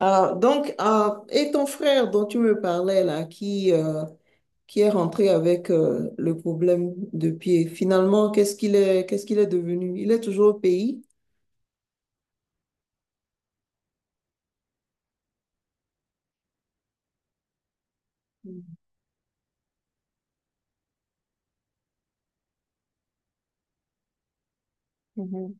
Et ton frère dont tu me parlais là, qui est rentré avec le problème de pied, finalement, qu'est-ce qu'il est devenu? Il est toujours au pays? Mhm.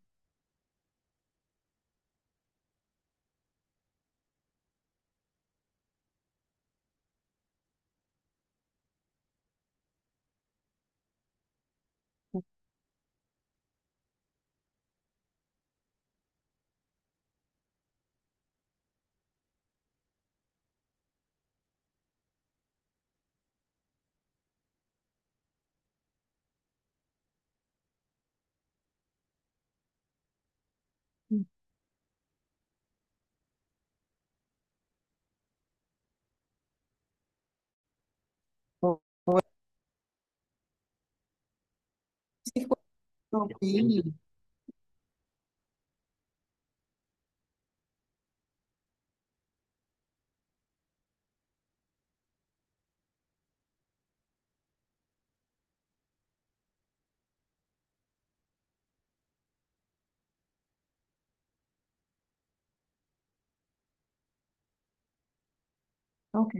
Au pays. Ok.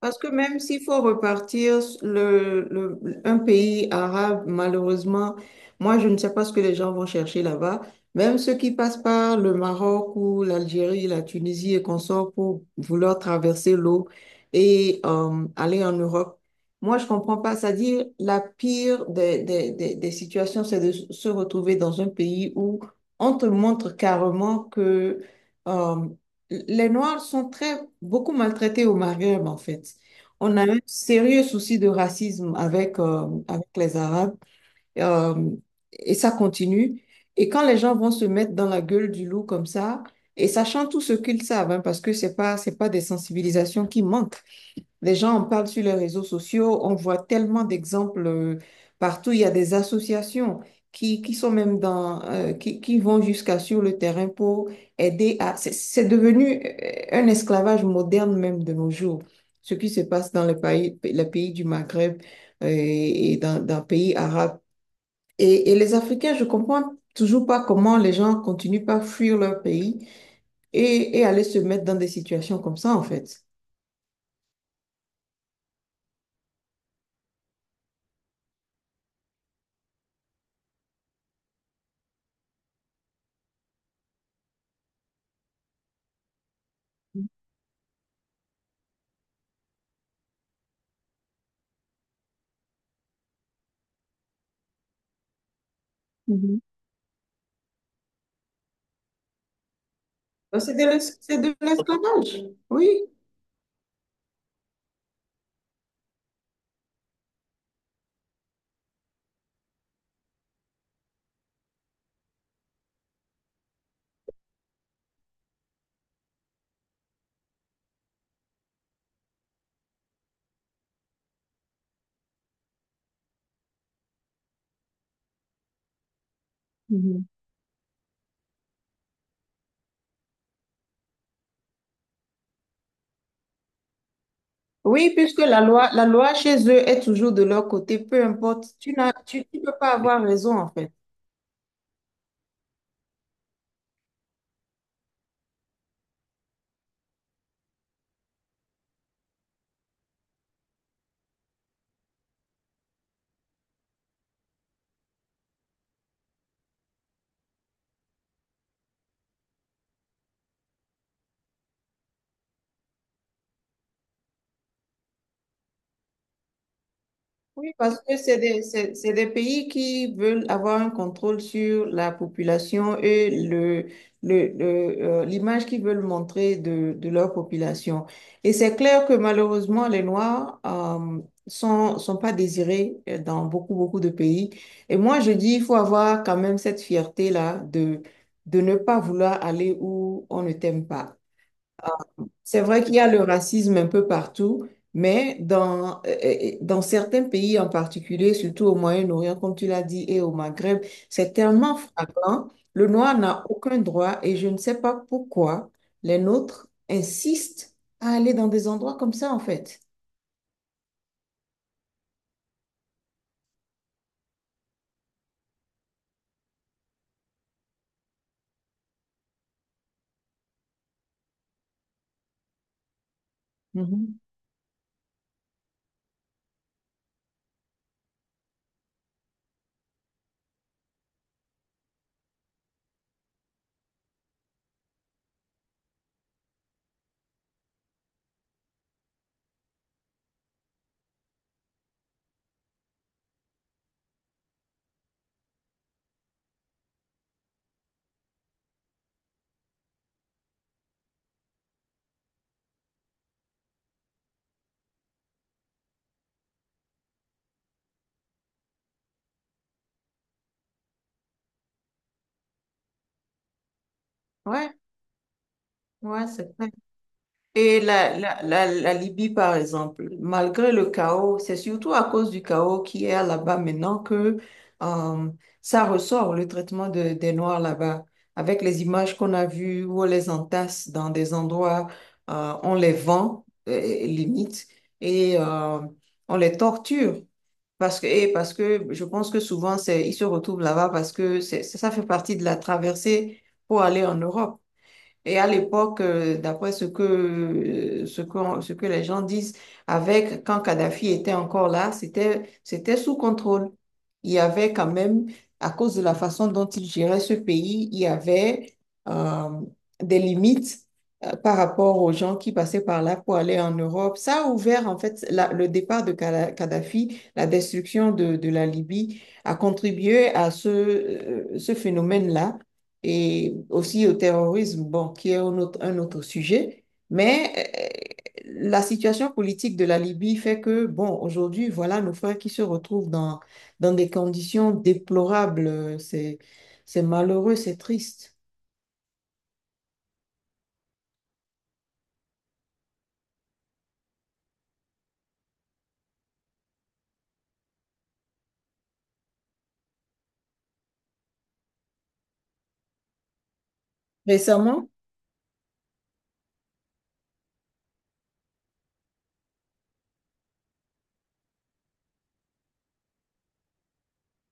Parce que même s'il faut repartir un pays arabe, malheureusement, moi, je ne sais pas ce que les gens vont chercher là-bas. Même ceux qui passent par le Maroc ou l'Algérie, la Tunisie et qu'on sort pour vouloir traverser l'eau et aller en Europe. Moi, je comprends pas. C'est-à-dire, la pire des situations, c'est de se retrouver dans un pays où on te montre carrément que euh, les Noirs sont très, beaucoup maltraités au Maghreb, en fait. On a un sérieux souci de racisme avec, avec les Arabes, euh, et ça continue. Et quand les gens vont se mettre dans la gueule du loup comme ça, et sachant tout ce qu'ils savent, hein, parce que c'est pas des sensibilisations qui manquent. Les gens en parlent sur les réseaux sociaux, on voit tellement d'exemples partout. Il y a des associations qui sont même dans, qui vont jusqu'à sur le terrain pour aider à... C'est devenu un esclavage moderne même de nos jours. Ce qui se passe dans les pays du Maghreb et dans les pays arabes. Et les Africains, je comprends toujours pas comment les gens continuent pas à fuir leur pays et aller se mettre dans des situations comme ça, en fait. Donc, c'est c'est de l'esclavage, oui. Mhm. Oui, puisque la loi chez eux est toujours de leur côté, peu importe. Tu peux pas avoir raison, en fait. Oui, parce que c'est des pays qui veulent avoir un contrôle sur la population et le, le, l'image qu'ils veulent montrer de leur population. Et c'est clair que malheureusement, les Noirs sont pas désirés dans beaucoup, beaucoup de pays. Et moi, je dis, il faut avoir quand même cette fierté-là de ne pas vouloir aller où on ne t'aime pas. C'est vrai qu'il y a le racisme un peu partout, mais dans certains pays en particulier, surtout au Moyen-Orient, comme tu l'as dit, et au Maghreb, c'est tellement flagrant. Le noir n'a aucun droit et je ne sais pas pourquoi les nôtres insistent à aller dans des endroits comme ça, en fait. Mhm. Ouais, ouais, c'est ça. Et la Libye, par exemple, malgré le chaos, c'est surtout à cause du chaos qui est là-bas maintenant que euh, ça ressort, le traitement des Noirs là-bas. Avec les images qu'on a vues où on les entasse dans des endroits, on les vend, limite, et on les torture. Parce que, et parce que je pense que souvent, c'est, ils se retrouvent là-bas parce que c'est, ça fait partie de la traversée pour aller en Europe. Et à l'époque, d'après ce que les gens disent, avec, quand Kadhafi était encore là, c'était sous contrôle. Il y avait quand même, à cause de la façon dont il gérait ce pays, il y avait euh, des limites par rapport aux gens qui passaient par là pour aller en Europe. Ça a ouvert, en fait, le départ de Kadhafi, la destruction de la Libye, a contribué à ce phénomène-là et aussi au terrorisme, bon, qui est un autre sujet. Mais la situation politique de la Libye fait que, bon, aujourd'hui, voilà nos frères qui se retrouvent dans des conditions déplorables. C'est malheureux, c'est triste. Récemment,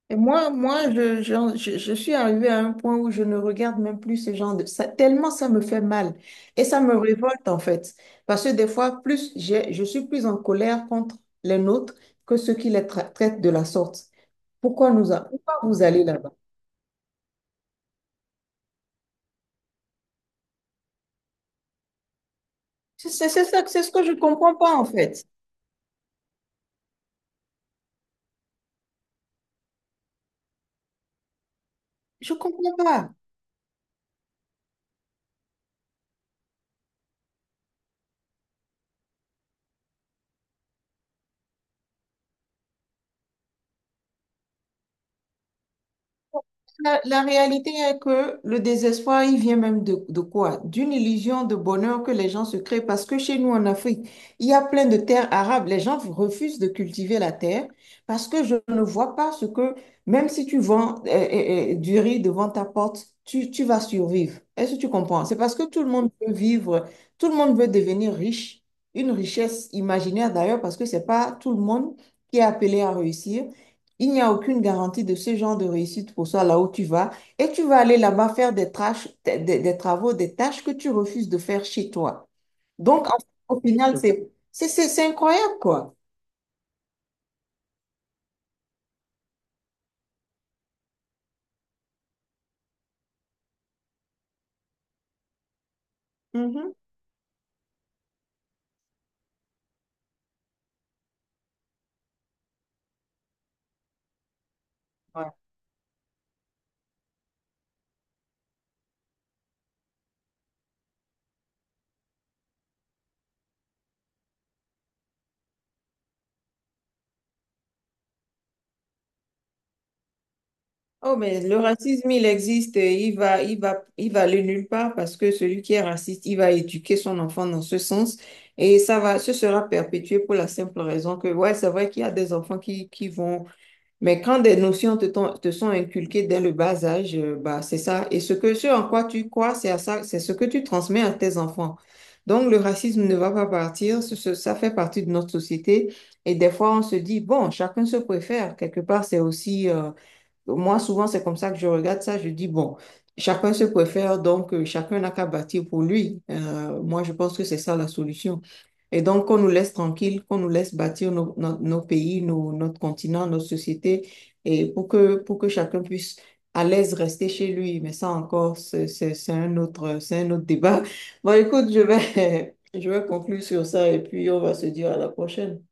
et moi, moi je suis arrivée à un point où je ne regarde même plus ces gens de... Ça, tellement ça me fait mal. Et ça me révolte, en fait. Parce que des fois, je suis plus en colère contre les nôtres que ceux qui les traitent de la sorte. Pourquoi nous a... Pourquoi vous allez là-bas? C'est ce que je comprends pas, en fait. Je comprends pas. La réalité est que le désespoir, il vient même de quoi? D'une illusion de bonheur que les gens se créent. Parce que chez nous en Afrique, il y a plein de terres arables. Les gens refusent de cultiver la terre parce que je ne vois pas ce que, même si tu vends du riz devant ta porte, tu vas survivre. Est-ce que tu comprends? C'est parce que tout le monde veut vivre, tout le monde veut devenir riche. Une richesse imaginaire d'ailleurs, parce que c'est pas tout le monde qui est appelé à réussir. Il n'y a aucune garantie de ce genre de réussite pour toi là où tu vas. Et tu vas aller là-bas faire des travaux, des tâches que tu refuses de faire chez toi. Donc, au final, c'est incroyable, quoi. Mhm. Ouais. Oh, mais le racisme, il existe. Et il va aller nulle part parce que celui qui est raciste, il va éduquer son enfant dans ce sens. Et ça va, ce sera perpétué pour la simple raison que, ouais, c'est vrai qu'il y a des enfants qui vont. Mais quand des notions te sont inculquées dès le bas âge, bah, c'est ça. Et ce que, ce en quoi tu crois, c'est à ça, c'est ce que tu transmets à tes enfants. Donc, le racisme ne va pas partir. Ça fait partie de notre société. Et des fois, on se dit, bon, chacun se préfère. Quelque part, c'est aussi, moi, souvent, c'est comme ça que je regarde ça. Je dis, bon, chacun se préfère, donc chacun n'a qu'à bâtir pour lui. Moi, je pense que c'est ça la solution. Et donc, qu'on nous laisse tranquille, qu'on nous laisse bâtir nos pays, notre continent, notre société, et pour que chacun puisse à l'aise rester chez lui. Mais ça encore, c'est c'est un autre débat. Bon, écoute, je vais, je vais conclure sur ça et puis on va se dire à la prochaine.